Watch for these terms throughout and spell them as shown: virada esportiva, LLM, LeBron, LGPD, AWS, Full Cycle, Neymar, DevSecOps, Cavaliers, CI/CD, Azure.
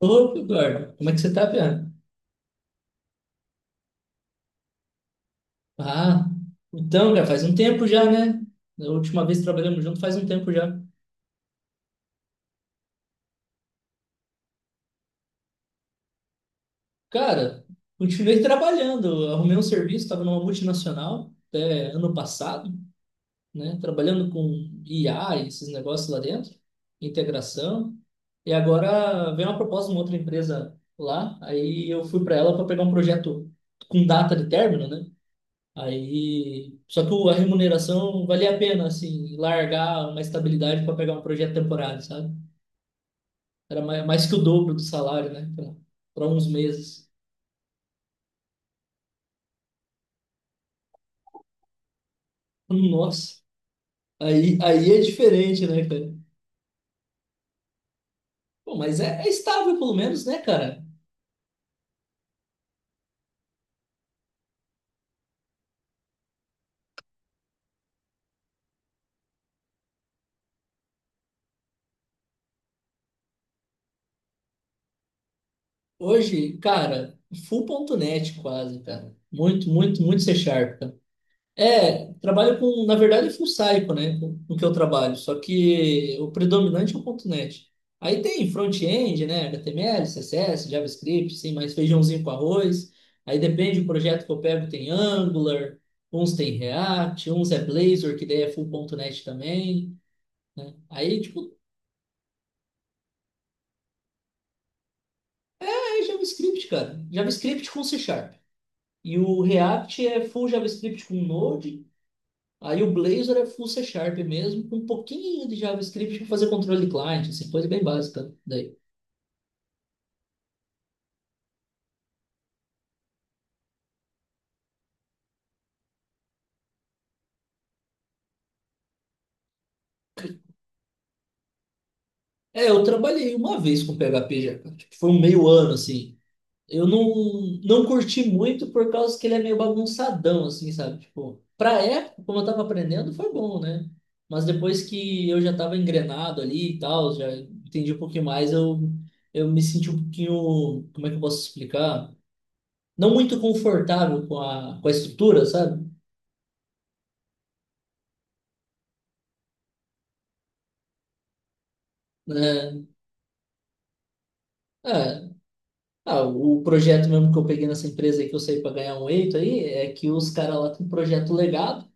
Opa, Eduardo, como é que você tá, Piá? Ah, então, cara, faz um tempo já, né? Da última vez que trabalhamos junto faz um tempo já. Cara, continuei trabalhando, eu arrumei um serviço, estava numa multinacional até ano passado, né? Trabalhando com IA e esses negócios lá dentro, integração. E agora veio uma proposta de uma outra empresa lá, aí eu fui para ela para pegar um projeto com data de término, né? Aí, só que a remuneração valia a pena, assim, largar uma estabilidade para pegar um projeto temporário, sabe? Era mais que o dobro do salário, né? Para uns meses. Nossa, aí é diferente, né, cara? Pô, mas é estável, pelo menos, né, cara? Hoje, cara, full ponto net quase, cara. Muito C Sharp. É, trabalho com, na verdade, é full cycle, né? Com o que eu trabalho, só que o predominante é o ponto .NET. Aí tem front-end, né? HTML, CSS, JavaScript, sim, mais feijãozinho com arroz. Aí depende do projeto que eu pego, tem Angular, uns tem React, uns é Blazor, que daí é full ponto .NET também, né? Aí, tipo, é JavaScript, cara. JavaScript com C Sharp. E o React é full JavaScript com Node. Aí o Blazor é full C Sharp mesmo, com um pouquinho de JavaScript para fazer controle de client, assim, coisa bem básica daí. É, eu trabalhei uma vez com PHP já, cara. Tipo, foi um meio ano, assim. Eu não, não curti muito por causa que ele é meio bagunçadão, assim, sabe? Tipo, pra época, como eu tava aprendendo, foi bom, né? Mas depois que eu já tava engrenado ali e tal, já entendi um pouquinho mais, eu me senti um pouquinho, como é que eu posso explicar? Não muito confortável com com a estrutura, sabe? É, É, o projeto mesmo que eu peguei nessa empresa aí que eu saí para ganhar um eito aí é que os caras lá têm um projeto legado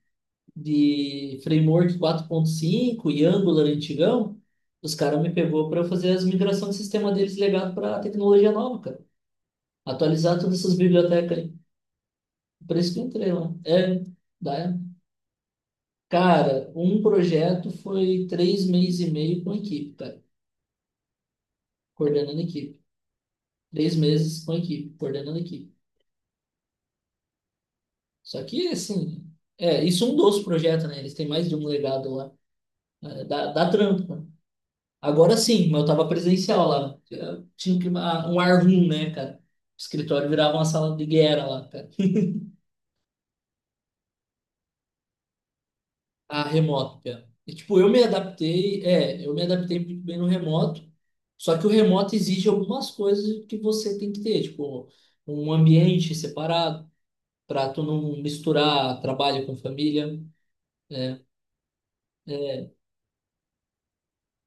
de framework 4.5 e Angular antigão. Os caras me pegou para eu fazer as migrações de sistema deles legado para a tecnologia nova, cara. Atualizar todas essas bibliotecas aí. Por isso que eu entrei lá. Dá. É. Cara, um projeto foi três meses e meio com a equipe, cara. Coordenando a equipe. Três meses com a equipe, coordenando a equipe. Só que, assim, é, isso é um dos projetos, né? Eles têm mais de um legado lá. É, dá trampo, né? Agora sim, mas eu tava presencial lá. Eu tinha que, ah, um ar room, né, cara? O escritório virava uma sala de guerra lá, cara. A remoto, cara. E, tipo, eu me adaptei muito bem no remoto. Só que o remoto exige algumas coisas que você tem que ter, tipo, um ambiente separado, para tu não misturar trabalho com família.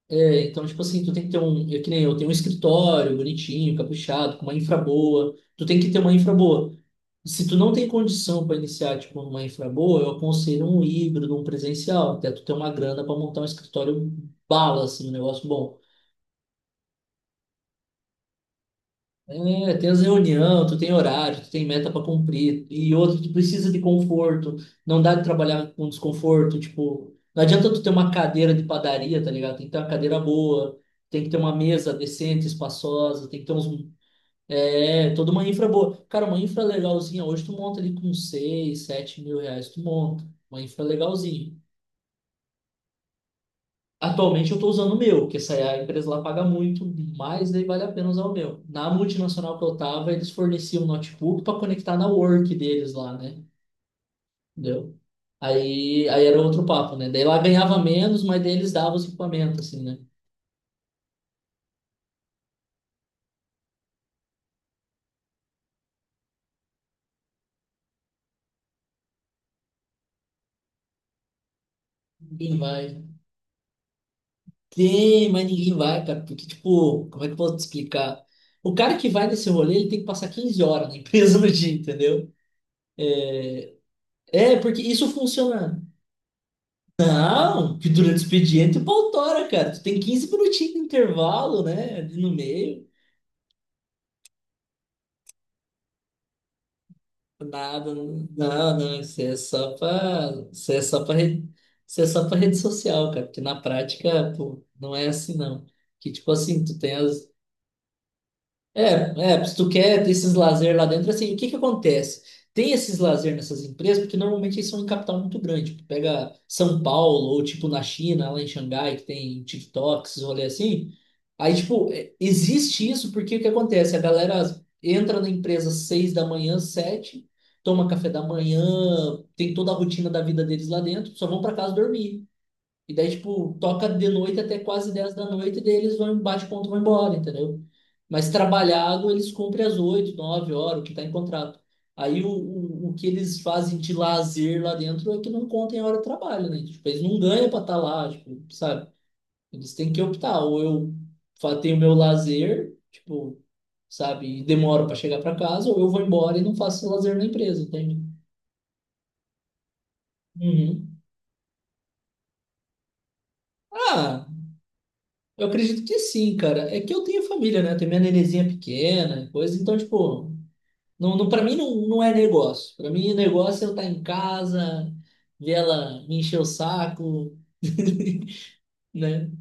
É, então, tipo assim, tu tem que ter um, que nem eu, tenho um escritório bonitinho, caprichado, com uma infra boa. Tu tem que ter uma infra boa. Se tu não tem condição para iniciar, tipo, uma infra boa, eu aconselho um híbrido, um presencial, até tu ter uma grana para montar um escritório bala, assim, um negócio bom. É, tem as reunião, tu tem horário, tu tem meta para cumprir. E outro, tu precisa de conforto. Não dá de trabalhar com desconforto. Tipo, não adianta tu ter uma cadeira de padaria, tá ligado? Tem que ter uma cadeira boa, tem que ter uma mesa decente, espaçosa, tem que ter uns. É, toda uma infra boa. Cara, uma infra legalzinha, hoje tu monta ali com 6 7 mil reais, tu monta. Uma infra legalzinha. Atualmente eu estou usando o meu, porque essa é a empresa lá paga muito, mas daí vale a pena usar o meu. Na multinacional que eu estava, eles forneciam um notebook para conectar na work deles lá, né? Entendeu? Aí era outro papo, né? Daí lá ganhava menos, mas daí eles davam os equipamentos, assim, né? Ninguém vai. Tem, mas ninguém vai, cara. Porque, tipo, como é que eu posso te explicar? O cara que vai nesse rolê, ele tem que passar 15 horas na empresa no dia, entendeu? É, porque isso funciona. Não, que durante o expediente o pau tora, cara. Tu tem 15 minutinhos de intervalo, né? Ali no meio. Nada, não, não, não, isso é só pra, isso é só pra rede social, cara. Porque na prática, pô, não é assim, não. Que tipo assim, tu tem as, É, é, se tu quer ter esses lazer lá dentro, assim, o que que acontece? Tem esses lazer nessas empresas, porque normalmente eles são em capital muito grande. Tu pega São Paulo, ou tipo na China, lá em Xangai, que tem TikToks, rolê assim. Aí, tipo, é, existe isso porque o que acontece? A galera entra na empresa às 6 da manhã, 7, toma café da manhã, tem toda a rotina da vida deles lá dentro, só vão pra casa dormir. E daí, tipo, toca de noite até quase 10 da noite, e daí eles vão, bate ponto, e vão embora, entendeu? Mas trabalhado, eles cumprem às 8 9 horas, o que tá em contrato. Aí o que eles fazem de lazer lá dentro é que não contem a hora de trabalho, né? Tipo, eles não ganham pra estar lá, tipo, sabe? Eles têm que optar, ou tenho meu lazer, tipo, sabe, e demoro pra chegar pra casa, ou eu vou embora e não faço lazer na empresa, entende? Uhum. Ah, eu acredito que sim, cara. É que eu tenho família, né? Eu tenho minha nenenzinha pequena, coisa. Então, tipo, não, para mim não, não é negócio. Para mim, negócio é eu estar em casa, ver ela me encher o saco, né?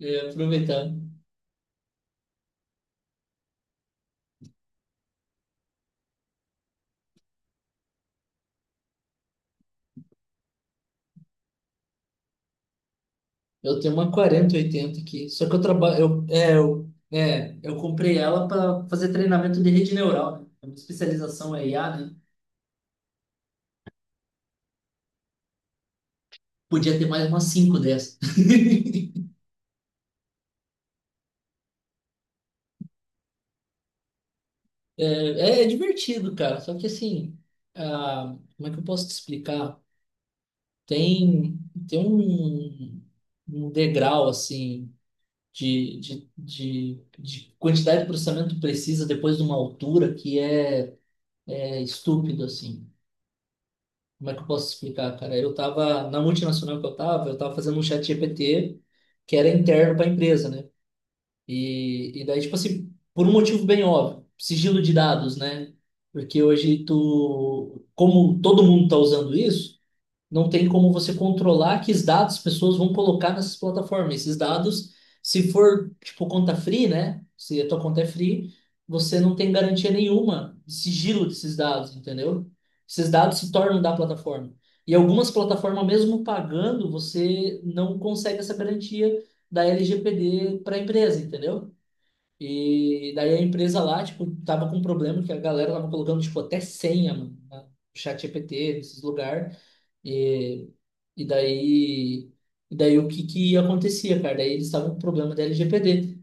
É, aproveitar. Eu tenho uma 4080 aqui. Só que eu trabalho. Eu comprei ela para fazer treinamento de rede neural, né? A minha especialização é IA, né? Podia ter mais umas cinco dessas. É divertido, cara. Só que assim, ah, como é que eu posso te explicar? Tem, tem um, um degrau assim de, de quantidade de processamento que precisa depois de uma altura que é, é estúpido, assim. Como é que eu posso te explicar, cara? Na multinacional que eu tava fazendo um chat GPT que era interno para a empresa, né? E daí, tipo assim, por um motivo bem óbvio, sigilo de dados, né? Porque hoje tu, como todo mundo tá usando isso, não tem como você controlar que os dados as pessoas vão colocar nessas plataformas. Esses dados, se for, tipo, conta free, né? Se a tua conta é free, você não tem garantia nenhuma de sigilo desses dados, entendeu? Esses dados se tornam da plataforma. E algumas plataformas, mesmo pagando, você não consegue essa garantia da LGPD para a empresa, entendeu? E daí a empresa lá, tipo, tava com um problema que a galera tava colocando, tipo, até senha, mano, no chat GPT, nesses lugares. E, e daí, e daí o que que acontecia, cara? Daí eles estavam com problema da LGPD.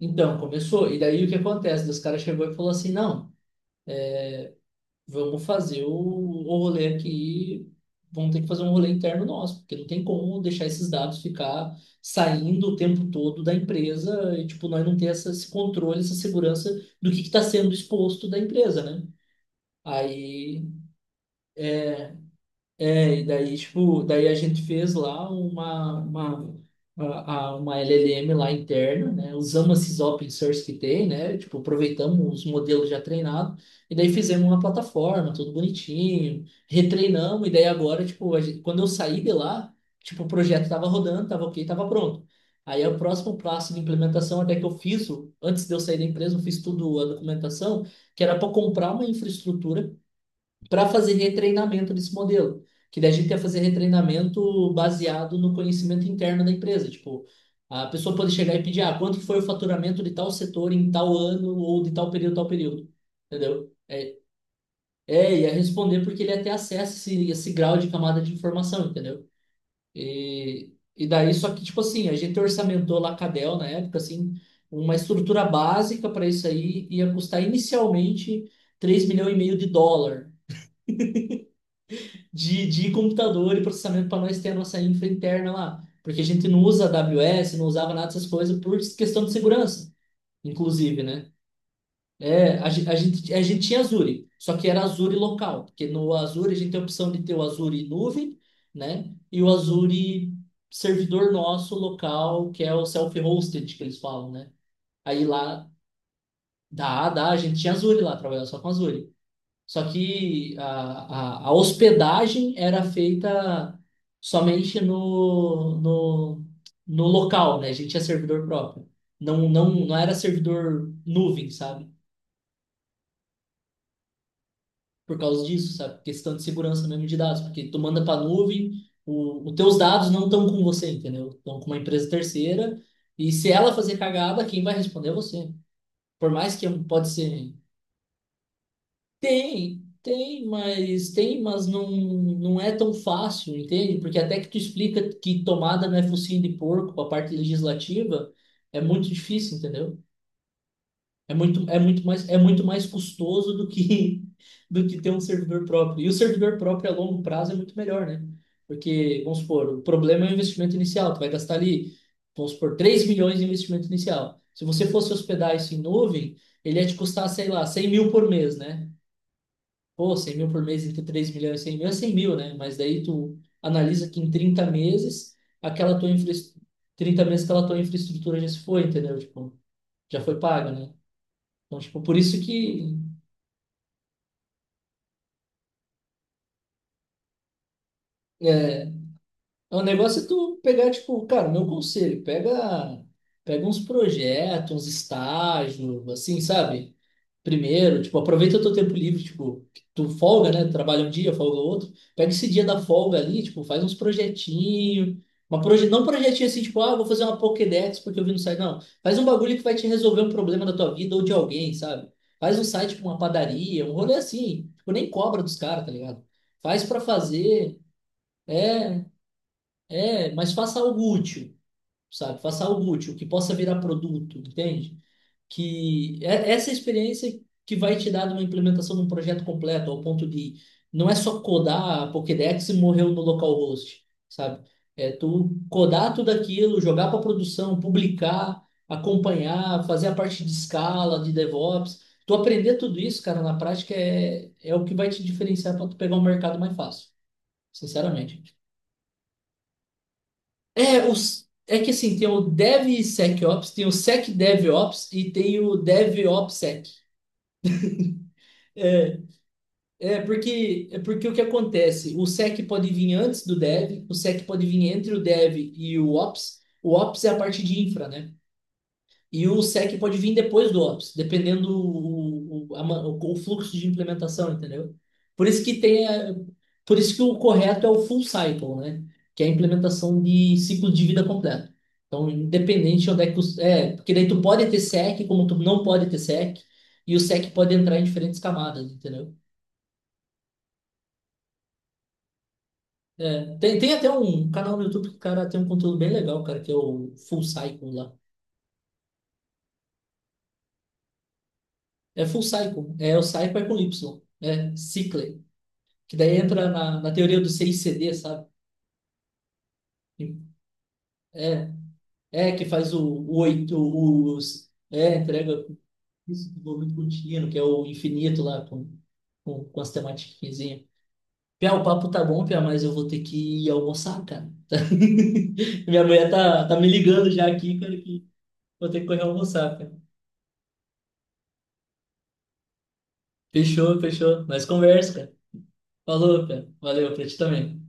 Então, começou. E daí o que acontece? Os caras chegou e falou assim, não, vamos fazer o rolê aqui, vamos ter que fazer um rolê interno nosso, porque não tem como deixar esses dados ficar saindo o tempo todo da empresa e, tipo, nós não ter essa, esse controle, essa segurança do que está sendo exposto da empresa, né? Aí é, e daí, tipo, daí a gente fez lá uma LLM lá interna, né? Usamos esses open source que tem, né? Tipo, aproveitamos os modelos já treinados e daí fizemos uma plataforma, tudo bonitinho, retreinamos e daí agora, tipo, quando eu saí de lá, tipo, o projeto tava rodando, tava ok, tava pronto. Aí o próximo passo de implementação, até que eu fiz, antes de eu sair da empresa, eu fiz tudo a documentação, que era para comprar uma infraestrutura para fazer retreinamento desse modelo. Que daí a gente ia fazer retreinamento baseado no conhecimento interno da empresa. Tipo, a pessoa pode chegar e pedir, ah, quanto que foi o faturamento de tal setor em tal ano ou de tal período, tal período. Entendeu? É, ia responder porque ele ia ter acesso a esse grau de camada de informação, entendeu? Só que, tipo assim, a gente orçamentou lá a Cadel na época, assim, uma estrutura básica para isso aí ia custar inicialmente US$ 3,5 milhões de computador e processamento para nós ter a nossa infra interna lá. Porque a gente não usa AWS, não usava nada dessas coisas por questão de segurança, inclusive, né? É, a gente tinha Azure, só que era Azure local, porque no Azure a gente tem a opção de ter o Azure nuvem, né? E o Azure servidor nosso local, que é o self-hosted que eles falam, né? Aí lá, dá, a gente tinha Azure lá, trabalhava só com Azure. Só que a hospedagem era feita somente no local, né? A gente tinha servidor próprio. Não, não, não era servidor nuvem, sabe? Por causa disso, sabe? Questão de segurança mesmo de dados, porque tu manda para nuvem, os teus dados não estão com você, entendeu? Estão com uma empresa terceira, e se ela fazer cagada, quem vai responder é você. Por mais que pode ser. Tem, tem, mas não, não é tão fácil, entende? Porque até que tu explica que tomada não é focinho de porco, a parte legislativa, é muito difícil, entendeu? É muito, é muito mais custoso do que do que ter um servidor próprio. E o servidor próprio a longo prazo é muito melhor, né? Porque, vamos supor, o problema é o investimento inicial, tu vai gastar ali, vamos supor, 3 milhões de investimento inicial. Se você fosse hospedar isso em nuvem, ele ia te custar, sei lá, 100 mil por mês, né? Pô, 100 mil por mês entre 3 milhões e 100 mil é 100 mil, né? Mas daí tu analisa que em 30 meses, aquela tua infra... 30 meses aquela tua infraestrutura já se foi, entendeu? Tipo, já foi paga, né? Então, tipo, por isso que é, o negócio é tu pegar, tipo, cara, meu conselho, pega, pega uns projetos, uns estágios, assim, sabe? Primeiro, tipo, aproveita o teu tempo livre, tipo, que tu folga, né? Trabalha um dia, folga outro. Pega esse dia da folga ali, tipo, faz uns projetinhos. Uma proje... Não um projetinho assim, tipo, ah, vou fazer uma Pokédex porque eu vi no site. Não, faz um bagulho que vai te resolver um problema da tua vida ou de alguém, sabe? Faz um site com uma padaria, um rolê assim. Tipo, nem cobra dos caras, tá ligado? Faz pra fazer, é, é, mas faça algo útil, sabe? Faça algo útil, que possa virar produto, entende? Que é essa experiência que vai te dar de uma implementação de um projeto completo, ao ponto de não é só codar a Pokédex e morreu no localhost, sabe? É tu codar tudo aquilo, jogar para produção, publicar, acompanhar, fazer a parte de escala, de DevOps. Tu aprender tudo isso, cara, na prática é, é o que vai te diferenciar para tu pegar um mercado mais fácil, sinceramente. É, os, é que assim, tem o DevSecOps, tem o SecDevOps e tem o DevOpsSec. É porque o que acontece? O SEC pode vir antes do dev, o SEC pode vir entre o dev e o ops. O ops é a parte de infra, né? E o SEC pode vir depois do ops, dependendo o fluxo de implementação, entendeu? Por isso que tem a- por isso que o correto é o full cycle, né? Que é a implementação de ciclo de vida completo. Então, independente de onde é que os, é, porque daí tu pode ter SEC, como tu não pode ter SEC, e o SEC pode entrar em diferentes camadas, entendeu? É, tem, tem até um canal no YouTube que o cara tem um conteúdo bem legal, cara, que é o Full Cycle lá. É Full Cycle, é o Cycle é com Y, é Cycle, que daí entra na teoria do CICD, sabe? É, é que faz o oito, os, é, entrega isso do movimento contínuo, que é o infinito lá com as tematiquinhas. Pia, o papo tá bom, Pia, mas eu vou ter que ir almoçar, cara. Minha mulher tá, tá me ligando já aqui, cara, que vou ter que correr almoçar, cara. Fechou, fechou. Nós conversa, cara. Falou, cara. Valeu, pra ti também.